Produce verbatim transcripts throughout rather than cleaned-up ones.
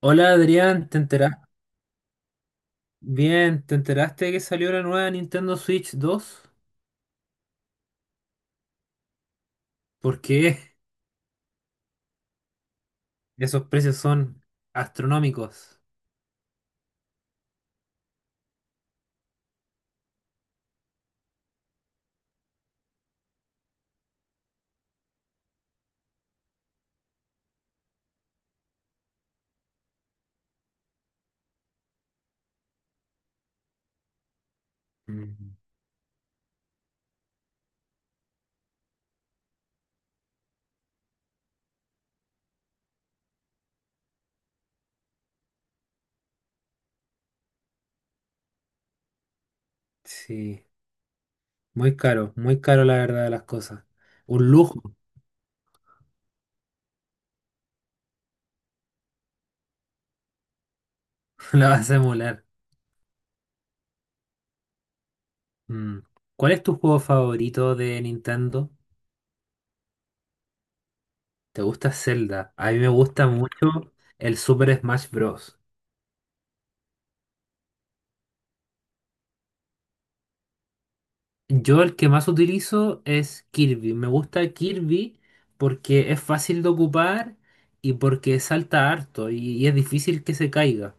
Hola Adrián, ¿te enteraste? Bien, ¿te enteraste que salió la nueva Nintendo Switch dos? ¿Porque esos precios son astronómicos? Mm. Sí, muy caro, muy caro la verdad de las cosas. Un lujo. La vas a emular. Mm. ¿Cuál es tu juego favorito de Nintendo? ¿Te gusta Zelda? A mí me gusta mucho el Super Smash Bros. Yo el que más utilizo es Kirby. Me gusta Kirby porque es fácil de ocupar y porque salta harto y, y es difícil que se caiga.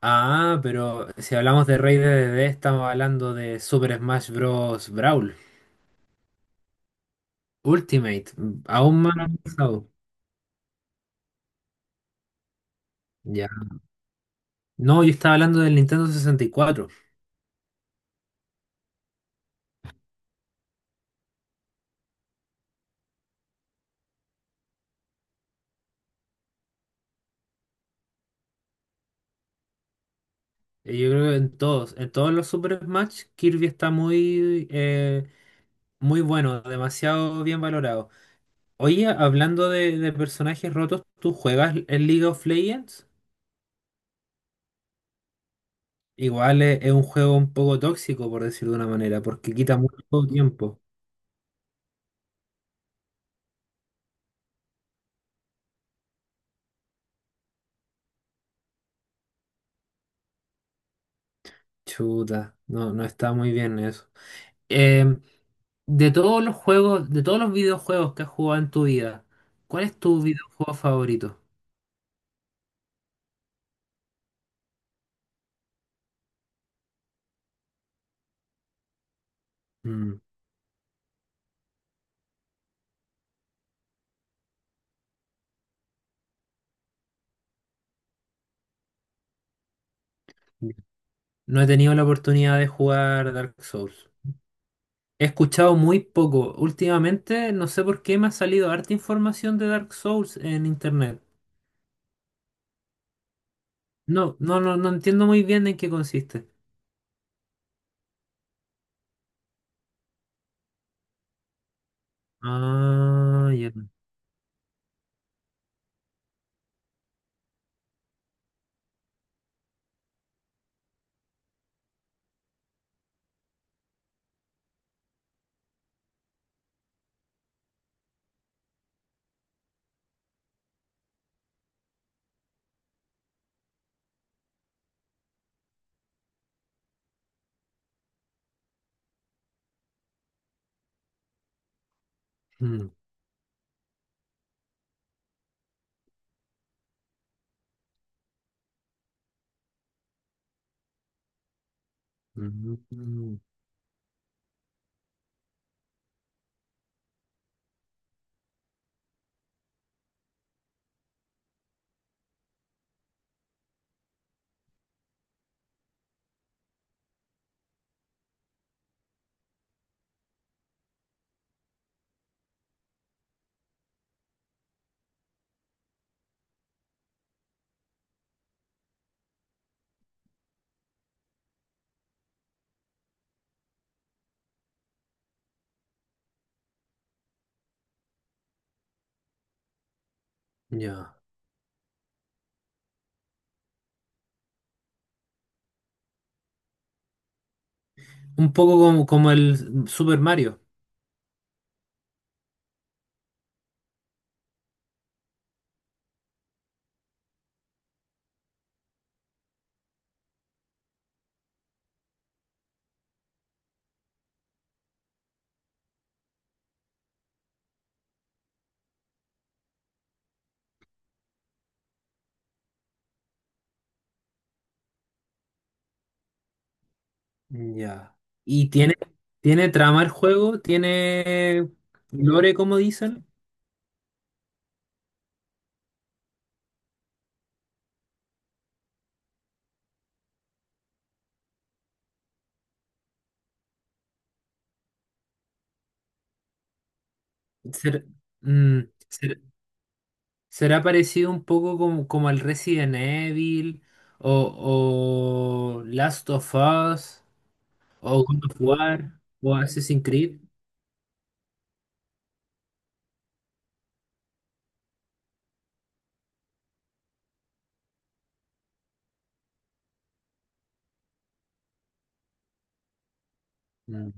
Ah, pero si hablamos de Rey D, D D, estamos hablando de Super Smash Bros. Brawl. Ultimate. mm, Aún más avanzado. Ya. No, yo estaba hablando del Nintendo sesenta y cuatro. Eh, Yo creo que en todos, en todos los Super Smash, Kirby está muy, eh, muy bueno, demasiado bien valorado. Oye, hablando de, de personajes rotos, ¿tú juegas el League of Legends? Igual es, es un juego un poco tóxico, por decirlo de una manera, porque quita mucho tiempo. Chuta, no, no está muy bien eso. Em, de todos los juegos, de todos los videojuegos que has jugado en tu vida, ¿cuál es tu videojuego favorito? Mm, ya. No he tenido la oportunidad de jugar Dark Souls. He escuchado muy poco. Últimamente, no sé por qué me ha salido harta información de Dark Souls en internet. No, no, no, no entiendo muy bien en qué consiste. Ah, ya. Mm, mm, mm, ya. Un poco como, como el Super Mario. Ya. ¿Y tiene, Tiene trama el juego? ¿Tiene lore, como dicen? ¿Ser- mm, ser- ¿Será parecido un poco como, como al Resident Evil o, o Last of Us o God of War o Assassin's Creed? Mm.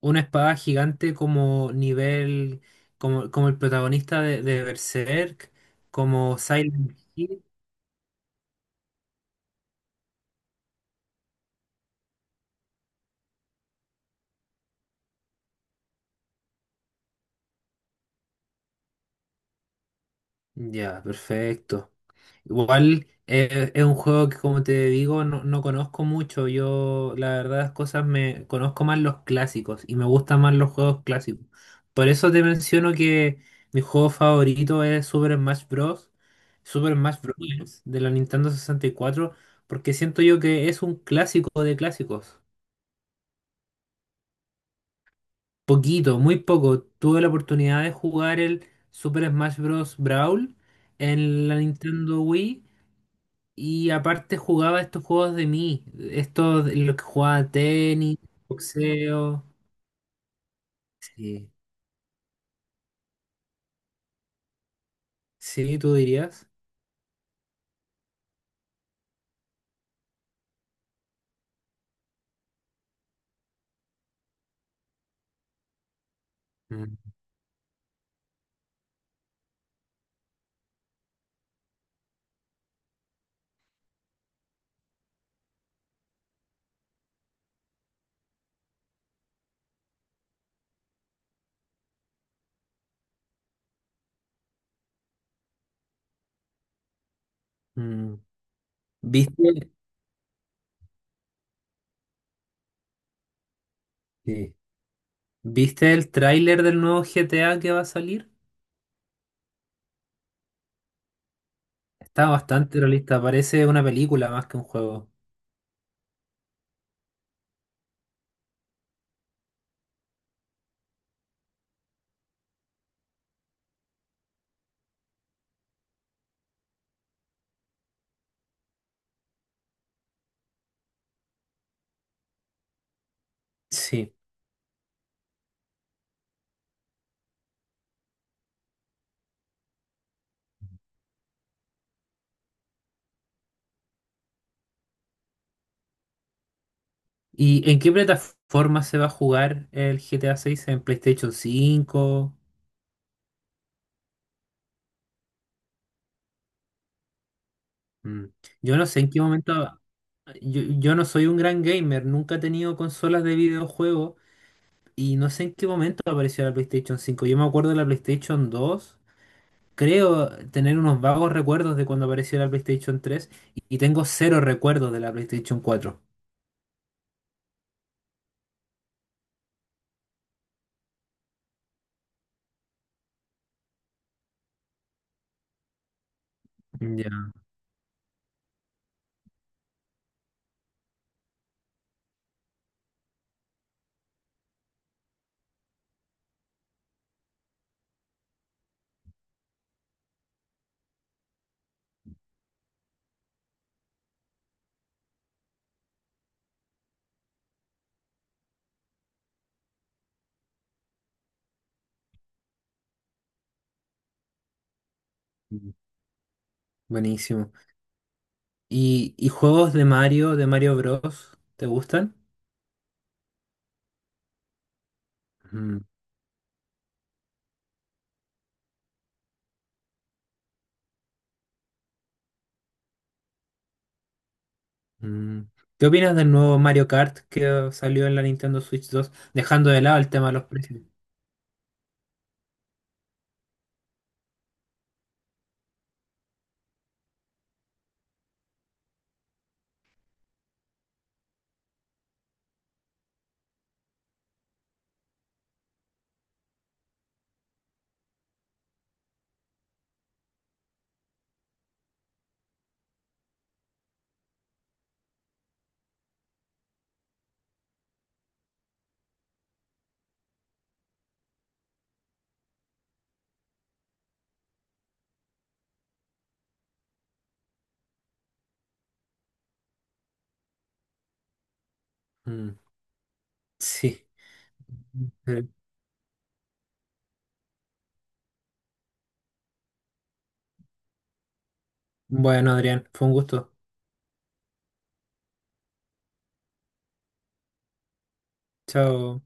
Una espada gigante como nivel, como, como el protagonista de, de Berserk, como Silent Hill. Ya, perfecto. Igual eh, es un juego que, como te digo, no, no conozco mucho. Yo, la verdad, las cosas me conozco más los clásicos y me gustan más los juegos clásicos. Por eso te menciono que mi juego favorito es Super Smash Bros. Super Smash Bros. De la Nintendo sesenta y cuatro porque siento yo que es un clásico de clásicos. Poquito, muy poco. Tuve la oportunidad de jugar el Super Smash Bros. Brawl en la Nintendo Wii y aparte jugaba estos juegos de mí, estos de los que jugaba tenis, boxeo. Sí, sí, tú dirías. Mm, mm. ¿Viste? Sí. ¿Viste el tráiler del nuevo G T A que va a salir? Está bastante realista, parece una película más que un juego. Sí. ¿Y en qué plataforma se va a jugar el G T A seis? ¿En PlayStation cinco? Mm, yo no sé en qué momento... Yo, yo no soy un gran gamer, nunca he tenido consolas de videojuegos y no sé en qué momento apareció la PlayStation cinco. Yo me acuerdo de la PlayStation dos, creo tener unos vagos recuerdos de cuando apareció la PlayStation tres y, y tengo cero recuerdos de la PlayStation cuatro. Ya, mm, buenísimo. ¿Y, y juegos de Mario, de Mario Bros, te gustan? Mm. ¿Qué opinas del nuevo Mario Kart que salió en la Nintendo Switch dos, dejando de lado el tema de los precios? Mm, sí. Eh, bueno, Adrián, fue un gusto. Chao.